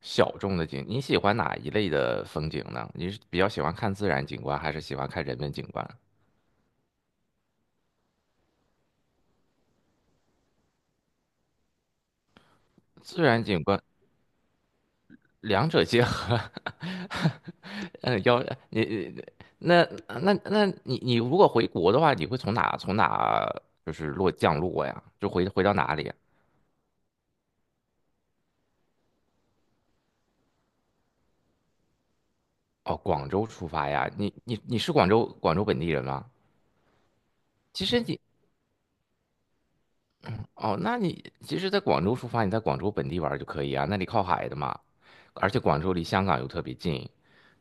小众的景，你喜欢哪一类的风景呢？你是比较喜欢看自然景观，还是喜欢看人文景观？自然景观。两者结合，嗯，要你你那那那你你如果回国的话，你会从哪就是降落呀？就回到哪里啊？哦，广州出发呀？你是广州本地人吗？其实你哦，那你其实，在广州出发，你在广州本地玩儿就可以啊，那里靠海的嘛，而且广州离香港又特别近，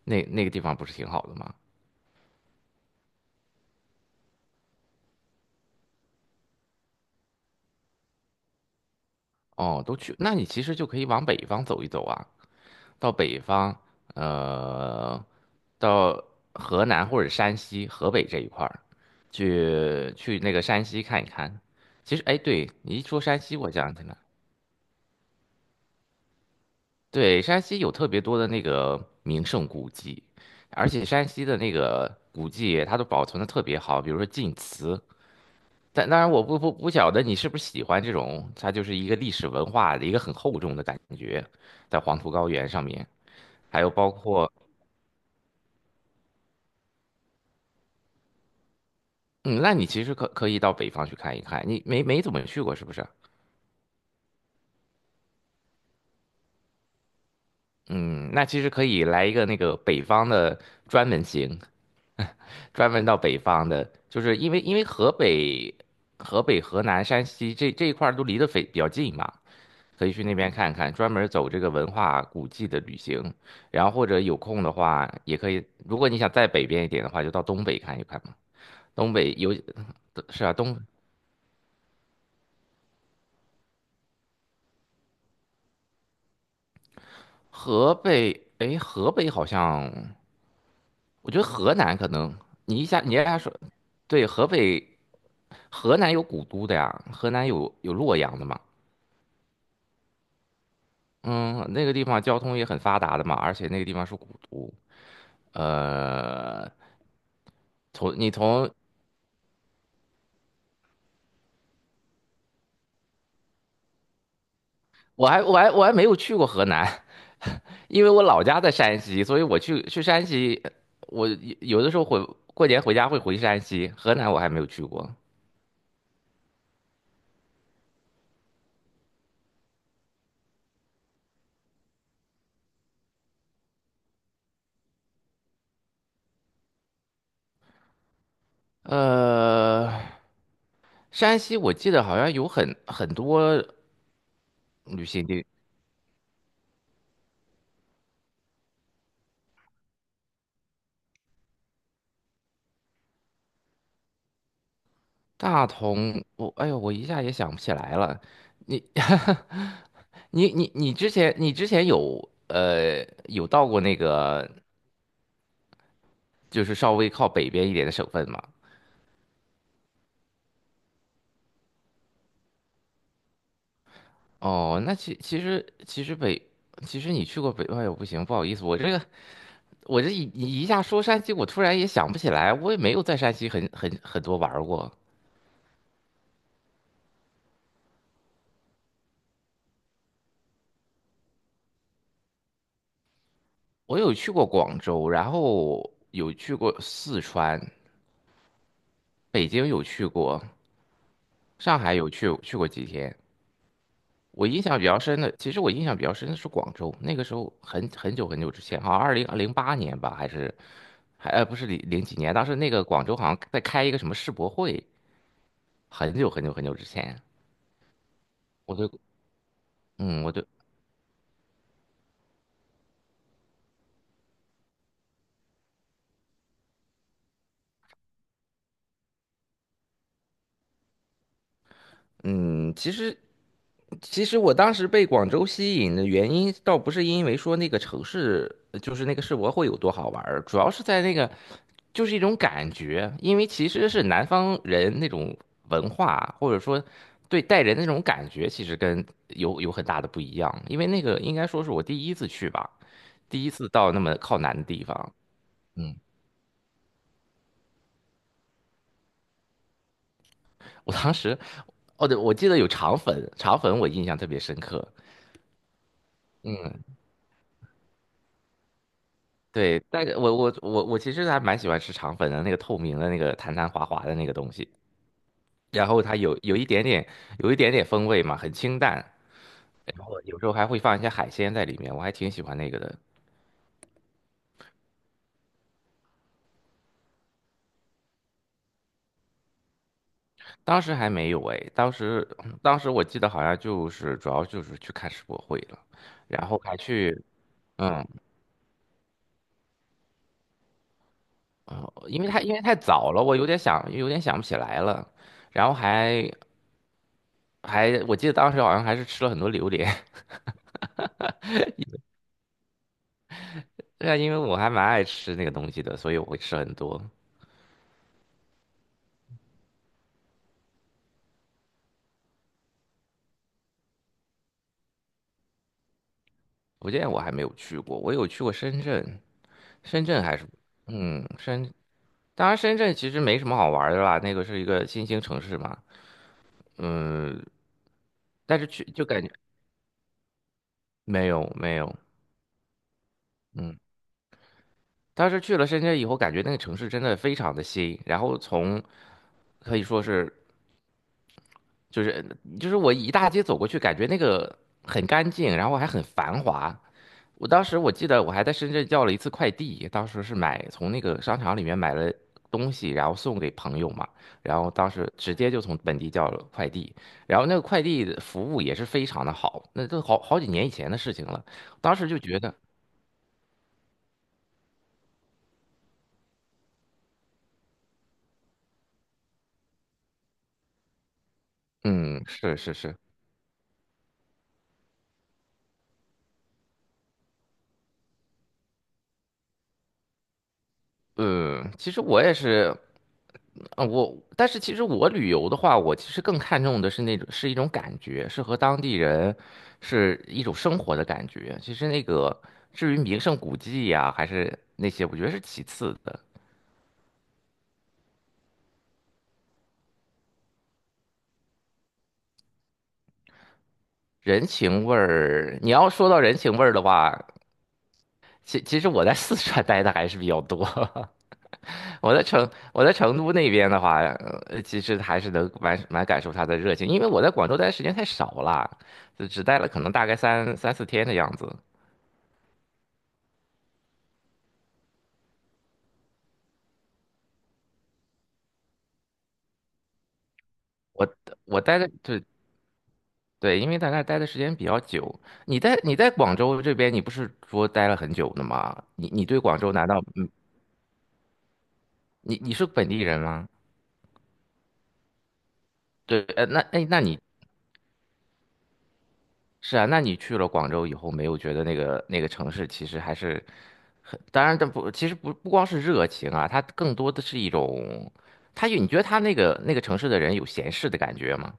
那个地方不是挺好的吗？哦，都去，那你其实就可以往北方走一走啊，到北方，呃，到河南或者山西、河北这一块儿，去那个山西看一看。其实，哎，对，你一说山西，我想起来，对，山西有特别多的那个名胜古迹，而且山西的那个古迹它都保存的特别好，比如说晋祠。但当然，我不晓得你是不是喜欢这种，它就是一个历史文化的一个很厚重的感觉，在黄土高原上面。还有包括，嗯，那你其实可以到北方去看一看，你没怎么去过是不是？嗯，那其实可以来一个那个北方的专门行，专门到北方的，就是因为河北、河南、山西这一块儿都离得非比较近嘛，可以去那边看看，专门走这个文化古迹的旅行。然后或者有空的话，也可以，如果你想再北边一点的话，就到东北看一看嘛。东北有。是啊，河北，哎，河北好像。我觉得河南可能，你一下说，对，河北。河南有古都的呀，河南有洛阳的嘛，嗯，那个地方交通也很发达的嘛，而且那个地方是古都，呃，从你从我还没有去过河南，因为我老家在山西，所以我去山西，我有有的时候过年回家会回山西，河南我还没有去过，呃，山西我记得好像有很多旅行地。大同，哎呦，我一下也想不起来了。你 你之前有到过那个就是稍微靠北边一点的省份吗？哦，那其实你去过北，哎呦不行，不好意思，我这一下说山西，我突然也想不起来，我也没有在山西很多玩儿过。我有去过广州，然后有去过四川，北京有去过，上海有去过几天。我印象比较深的，其实我印象比较深的是广州，那个时候很久很久之前，好像2008年吧，还是不是零零几年，当时那个广州好像在开一个什么世博会，很久很久很久之前，我就嗯，我就嗯，其实其实我当时被广州吸引的原因，倒不是因为说那个城市，就是那个世博会有多好玩儿主要是在那个，就是一种感觉，因为其实是南方人那种文化，或者说对待人的那种感觉，其实跟有很大的不一样。因为那个应该说是我第一次去吧，第一次到那么靠南的地方，嗯，我当时，哦对，我记得有肠粉，肠粉我印象特别深刻，对，但是我其实还蛮喜欢吃肠粉的，那个透明的那个弹弹滑滑的那个东西，然后它有一点点风味嘛，很清淡，然后有时候还会放一些海鲜在里面，我还挺喜欢那个的。当时还没有哎，当时我记得好像就是主要就是去看世博会了，然后还去嗯，因为太早了，我有点想不起来了，然后我记得当时好像还是吃了很多榴莲，对啊，因为我还蛮爱吃那个东西的，所以我会吃很多。福建我还没有去过，我有去过深圳，深圳还是，嗯，深，当然深圳其实没什么好玩的啦，那个是一个新兴城市嘛，嗯，但是去就感觉没有没有，嗯，当时去了深圳以后，感觉那个城市真的非常的新，然后可以说是就是就是我一大街走过去，感觉那个很干净，然后还很繁华，我当时我记得我还在深圳叫了一次快递，当时是从那个商场里面买了东西，然后送给朋友嘛，然后当时直接就从本地叫了快递，然后那个快递的服务也是非常的好，那都好好几年以前的事情了，当时就觉得，嗯，是是是，嗯，其实我也是，但是其实我旅游的话，我其实更看重的是那种是一种感觉，是和当地人是一种生活的感觉。其实那个至于名胜古迹呀、还是那些，我觉得是其次的。人情味儿，你要说到人情味儿的话，其实我在四川 待的还是比较多。我在成我在成都那边的话，其实还是能蛮感受他的热情，因为我在广州待的时间太少了，就只待了可能大概三四天的样子。我我待的对，对，因为在那儿待的时间比较久。你在广州这边，你不是说待了很久的吗？你对广州难道你是本地人吗？对，那哎，那你是啊，那你去了广州以后，没有觉得那个那个城市其实还是，当然，这不，其实不光是热情啊，它更多的是一种，你觉得它那个城市的人有闲适的感觉吗？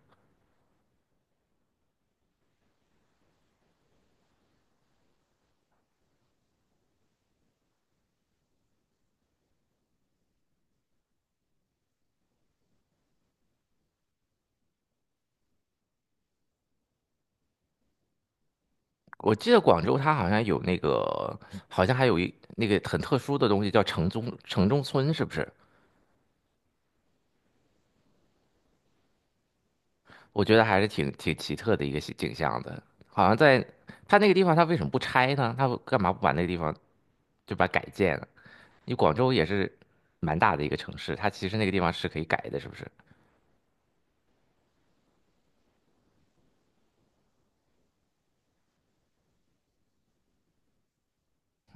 我记得广州它好像有那个，好像还有那个很特殊的东西叫城中村，是不是？我觉得还是挺奇特的一个景象的，好像在它那个地方，它为什么不拆呢？它干嘛不把那个地方就把它改建了？你广州也是蛮大的一个城市，它其实那个地方是可以改的，是不是？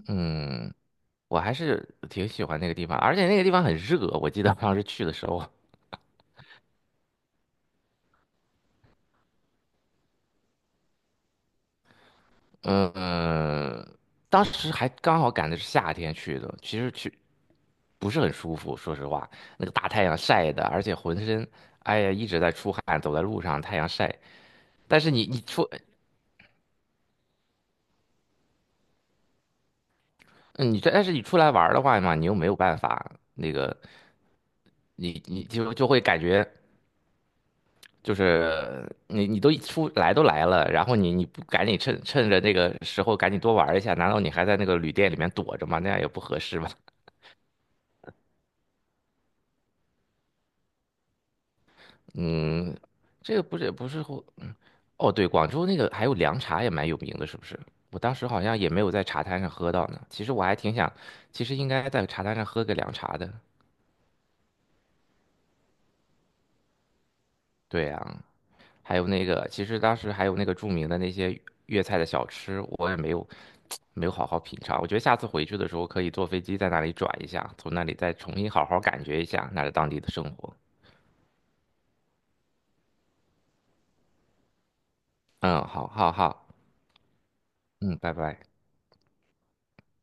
嗯，我还是挺喜欢那个地方，而且那个地方很热，我记得当时去的时候，嗯，当时还刚好赶的是夏天去的，其实去不是很舒服，说实话，那个大太阳晒的，而且浑身，哎呀一直在出汗，走在路上太阳晒。但是你你出但是你出来玩儿的话嘛，你又没有办法，那个你就会感觉就是你都来了，然后你不赶紧趁着那个时候赶紧多玩儿一下，难道你还在那个旅店里面躲着吗？那样也不合适吧？嗯，这个不是也不是会哦，对，广州那个还有凉茶也蛮有名的，是不是？我当时好像也没有在茶摊上喝到呢。其实我还挺想，其实应该在茶摊上喝个凉茶的。对呀、还有那个，其实当时还有那个著名的那些粤菜的小吃，我也没有好好品尝。我觉得下次回去的时候可以坐飞机在那里转一下，从那里再重新好好感觉一下那儿当地的生活。嗯，好，好，好，嗯，拜拜。